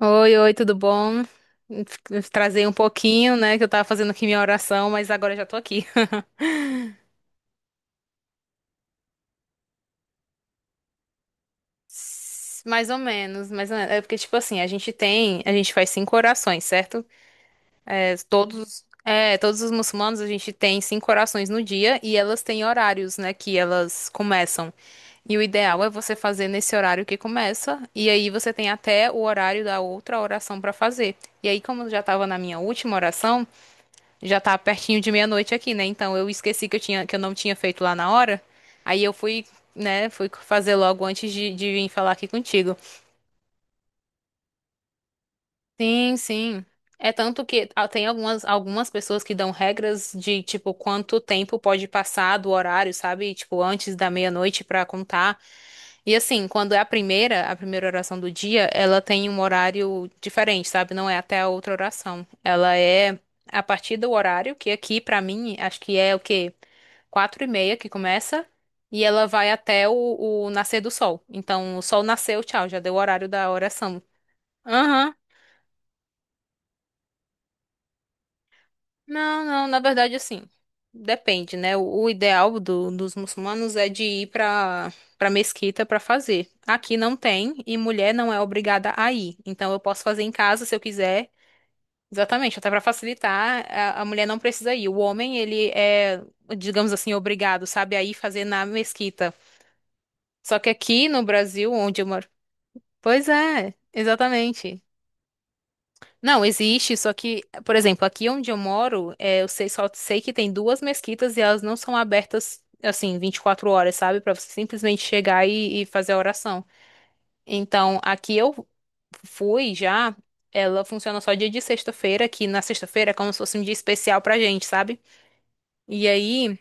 Oi, oi, tudo bom? Trazer um pouquinho, né, que eu tava fazendo aqui minha oração, mas agora eu já tô aqui. Mais ou menos, mais ou menos. É porque, tipo assim, a gente faz 5 orações, certo? Todos os muçulmanos, a gente tem 5 orações no dia e elas têm horários, né, que elas começam. E o ideal é você fazer nesse horário que começa, e aí você tem até o horário da outra oração pra fazer. E aí, como eu já tava na minha última oração, já tá pertinho de meia-noite aqui, né? Então eu esqueci que eu não tinha feito lá na hora. Aí eu fui, né, fui fazer logo de vir falar aqui contigo. Sim, sim. É tanto que tem algumas pessoas que dão regras de, tipo, quanto tempo pode passar do horário, sabe? Tipo, antes da meia-noite pra contar. E assim, quando é a primeira oração do dia, ela tem um horário diferente, sabe? Não é até a outra oração. Ela é a partir do horário, que aqui, pra mim, acho que é o quê? 4h30 que começa. E ela vai até o nascer do sol. Então, o sol nasceu, tchau, já deu o horário da oração. Aham. Não, não, na verdade, assim, depende, né? O ideal dos muçulmanos é de ir pra para mesquita pra fazer. Aqui não tem e mulher não é obrigada a ir. Então eu posso fazer em casa se eu quiser. Exatamente, até pra facilitar, a mulher não precisa ir. O homem, digamos assim, obrigado, sabe, a ir fazer na mesquita. Só que aqui no Brasil, onde eu moro. Pois é, exatamente. Não, existe, só que, por exemplo, aqui onde eu moro, é, eu sei, só sei que tem duas mesquitas e elas não são abertas, assim, 24 horas, sabe? Pra você simplesmente chegar e fazer a oração. Então, aqui eu fui já, ela funciona só dia de sexta-feira, que na sexta-feira é como se fosse um dia especial pra gente, sabe? E aí.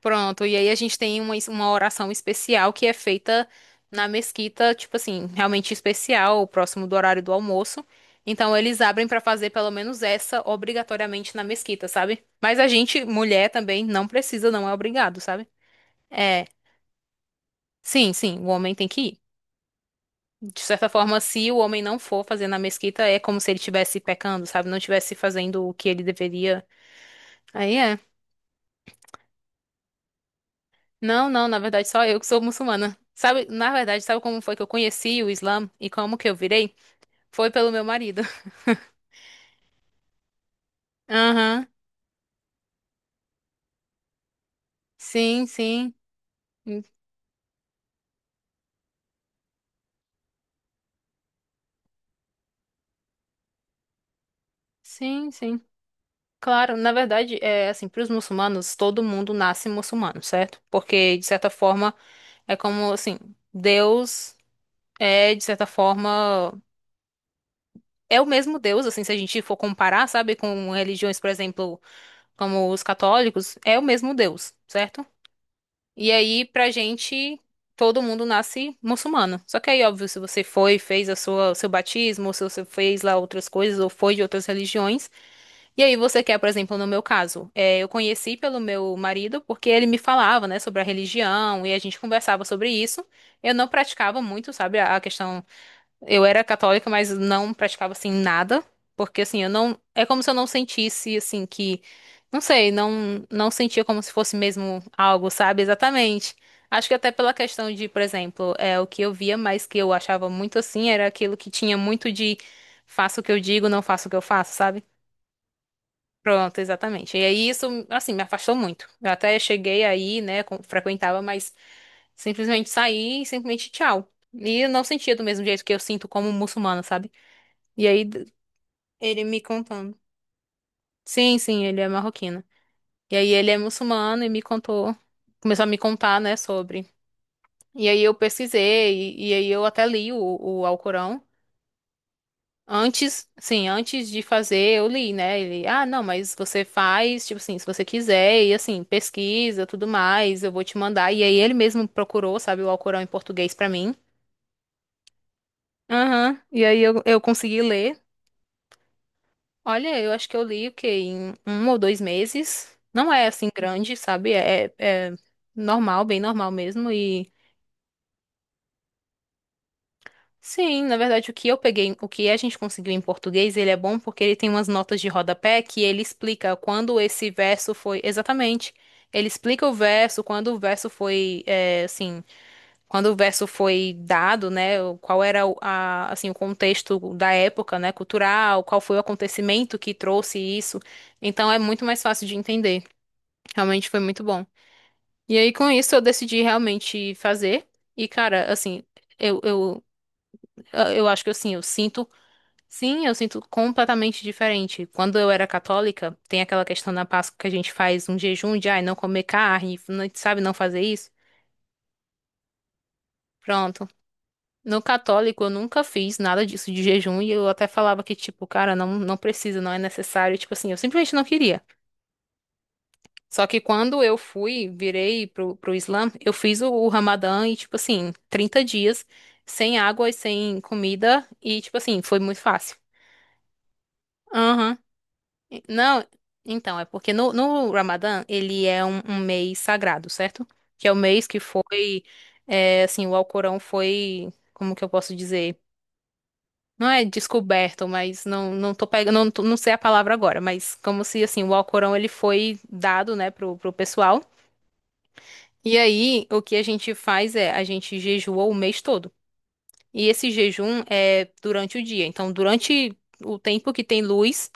Pronto, e aí a gente tem uma oração especial que é feita na mesquita, tipo assim, realmente especial, próximo do horário do almoço. Então eles abrem pra fazer pelo menos essa obrigatoriamente na mesquita, sabe? Mas a gente, mulher também, não precisa, não é obrigado, sabe? É, sim, sim, o homem tem que ir. De certa forma, se o homem não for fazer na mesquita, é como se ele estivesse pecando, sabe? Não estivesse fazendo o que ele deveria. Aí é, não, não, na verdade só eu que sou muçulmana. Sabe, na verdade, sabe como foi que eu conheci o Islã e como que eu virei? Foi pelo meu marido. Aham. Sim, sim. Hum, sim, sim. Claro, na verdade, é assim, para os muçulmanos, todo mundo nasce muçulmano, certo? Porque, de certa forma, é como assim, Deus é, de certa forma, é o mesmo Deus, assim, se a gente for comparar, sabe, com religiões, por exemplo, como os católicos, é o mesmo Deus, certo? E aí, pra gente, todo mundo nasce muçulmano. Só que aí, óbvio, se você foi, fez o seu batismo, ou se você fez lá outras coisas, ou foi de outras religiões, e aí você quer, por exemplo, no meu caso, eu conheci pelo meu marido, porque ele me falava, né, sobre a religião, e a gente conversava sobre isso. Eu não praticava muito, sabe, a questão eu era católica, mas não praticava assim nada, porque assim, eu não, é como se eu não sentisse assim que, não sei, não sentia como se fosse mesmo algo, sabe? Exatamente. Acho que até pela questão de, por exemplo, é o que eu via, mas que eu achava muito assim, era aquilo que tinha muito de faço o que eu digo, não faço o que eu faço, sabe? Pronto, exatamente. E aí isso, assim, me afastou muito. Eu até cheguei aí, né, frequentava, mas simplesmente saí e simplesmente tchau. E eu não sentia do mesmo jeito que eu sinto como muçulmana, sabe? E aí d- ele me contando. Sim, sim, ele é marroquino. E aí ele é muçulmano e me contou, começou a me contar, né, sobre. E aí eu pesquisei, e aí eu até li o Alcorão. Antes, sim, antes de fazer, eu li, né? Ele, ah, não, mas você faz, tipo assim, se você quiser, e assim, pesquisa, tudo mais, eu vou te mandar. E aí ele mesmo procurou, sabe, o Alcorão em português pra mim. Aham, e aí eu consegui ler. Olha, eu acho que eu li o quê? Em um ou dois meses. Não é assim grande, sabe? É normal, bem normal mesmo. E sim, na verdade, o que eu peguei, o que a gente conseguiu em português, ele é bom porque ele tem umas notas de rodapé que ele explica quando esse verso foi. Exatamente. Ele explica o verso, quando o verso foi, é, assim, quando o verso foi dado, né? Qual era assim, o contexto da época, né? Cultural, qual foi o acontecimento que trouxe isso. Então é muito mais fácil de entender. Realmente foi muito bom. E aí, com isso, eu decidi realmente fazer. E, cara, assim, eu, eu, eu acho que assim, eu sinto. Sim, eu sinto completamente diferente. Quando eu era católica, tem aquela questão na Páscoa que a gente faz um jejum de, ai, não comer carne, sabe, não fazer isso. Pronto. No católico, eu nunca fiz nada disso de jejum e eu até falava que, tipo, cara, não precisa, não é necessário. Tipo assim, eu simplesmente não queria. Só que quando eu fui, virei pro Islã, eu fiz o Ramadã e, tipo assim, 30 dias sem água e sem comida e, tipo assim, foi muito fácil. Aham. Não, então, é porque no Ramadã ele é um mês sagrado, certo? Que é o mês que foi, é, assim, o Alcorão foi, como que eu posso dizer? Não é descoberto, mas não, não tô pegando, não sei a palavra agora, mas como se, assim, o Alcorão ele foi dado, né, pro pessoal. E aí, o que a gente faz é, a gente jejua o mês todo. E esse jejum é durante o dia. Então, durante o tempo que tem luz,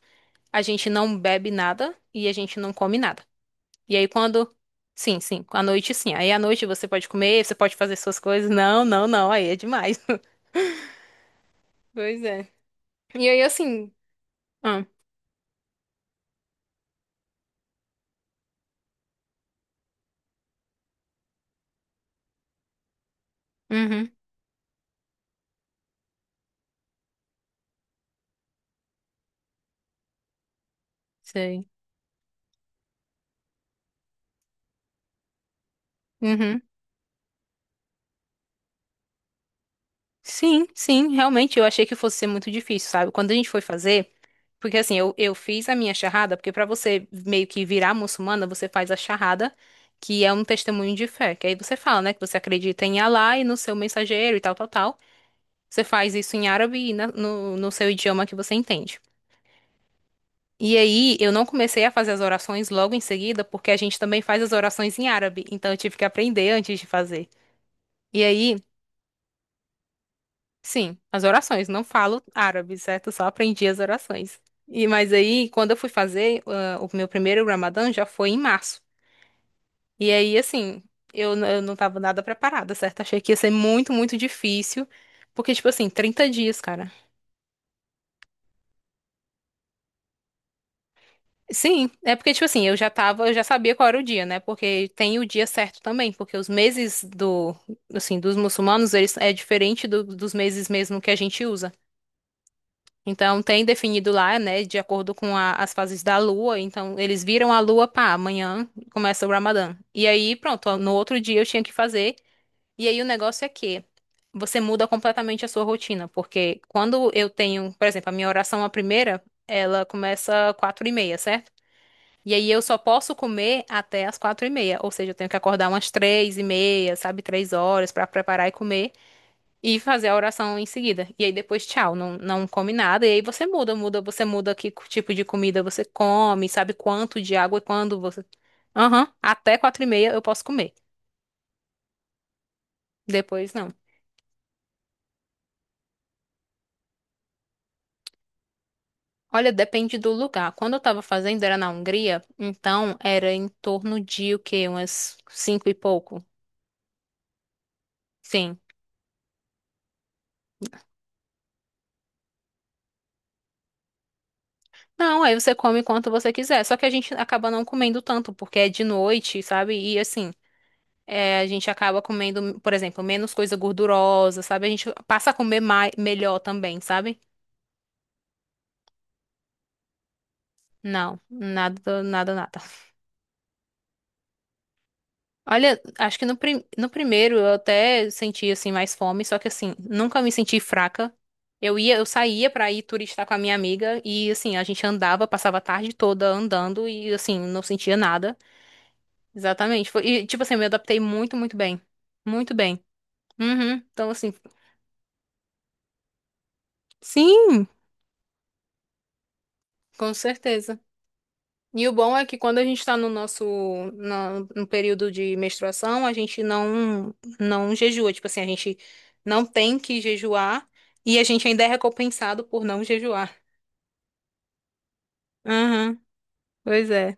a gente não bebe nada e a gente não come nada. E aí, quando. Sim, sim, à noite sim. Aí à noite você pode comer, você pode fazer suas coisas. Não, não, não, aí é demais. Pois é. E aí, assim. Ah, uhum, sei. Uhum. Sim, sim, realmente eu achei que fosse ser muito difícil, sabe? Quando a gente foi fazer. Porque assim, eu fiz a minha charrada, porque pra você meio que virar muçulmana, você faz a charrada, que é um testemunho de fé. Que aí você fala, né, que você acredita em Alá e no seu mensageiro e tal, tal, tal. Você faz isso em árabe e no seu idioma que você entende. E aí, eu não comecei a fazer as orações logo em seguida, porque a gente também faz as orações em árabe. Então, eu tive que aprender antes de fazer. E aí. Sim, as orações. Não falo árabe, certo? Só aprendi as orações. E mas aí, quando eu fui fazer, ah, o meu primeiro Ramadã já foi em março. E aí, assim, eu não tava nada preparada, certo? Achei que ia ser muito, muito difícil. Porque, tipo assim, 30 dias, cara. Sim, é porque, tipo assim, eu já sabia qual era o dia, né? Porque tem o dia certo também, porque os meses assim, dos muçulmanos, eles é diferente dos meses mesmo que a gente usa. Então, tem definido lá, né, de acordo com as fases da lua. Então, eles viram a lua, pá, amanhã começa o Ramadã. E aí, pronto, no outro dia eu tinha que fazer. E aí, o negócio é que você muda completamente a sua rotina, porque quando eu tenho, por exemplo, a minha oração, a primeira, ela começa 4h30, certo? E aí, eu só posso comer até as 4h30, ou seja, eu tenho que acordar umas 3h30, sabe, 3 horas para preparar e comer. E fazer a oração em seguida. E aí depois, tchau, não, não come nada. E aí você você muda que tipo de comida você come, sabe quanto de água e quando você. Aham, até 4h30 eu posso comer. Depois não. Olha, depende do lugar. Quando eu tava fazendo era na Hungria, então era em torno de o quê? Umas cinco e pouco. Sim. Não, aí você come quanto você quiser. Só que a gente acaba não comendo tanto, porque é de noite, sabe? E assim. É, a gente acaba comendo, por exemplo, menos coisa gordurosa, sabe? A gente passa a comer mais, melhor também, sabe? Não, nada, nada, nada. Olha, acho que no primeiro eu até senti assim mais fome, só que assim, nunca me senti fraca. Eu saía pra ir turistar com a minha amiga e assim, a gente andava, passava a tarde toda andando e assim, não sentia nada. Exatamente. E tipo assim, eu me adaptei muito, muito bem. Muito bem. Uhum. Então assim, sim, com certeza. E o bom é que quando a gente está no nosso na- no, período de menstruação, a gente não não jejua, tipo assim, a gente não tem que jejuar e a gente ainda é recompensado por não jejuar. Aham, pois é.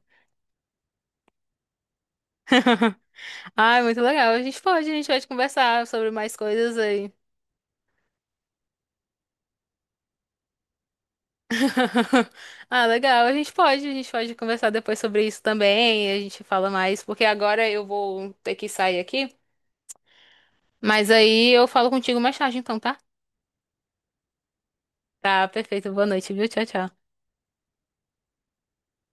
Ai, muito legal. A gente pode conversar sobre mais coisas aí. Ah, legal. A gente pode conversar depois sobre isso também. A gente fala mais, porque agora eu vou ter que sair aqui. Mas aí eu falo contigo mais tarde, então, tá? Tá, perfeito. Boa noite, viu? Tchau, tchau.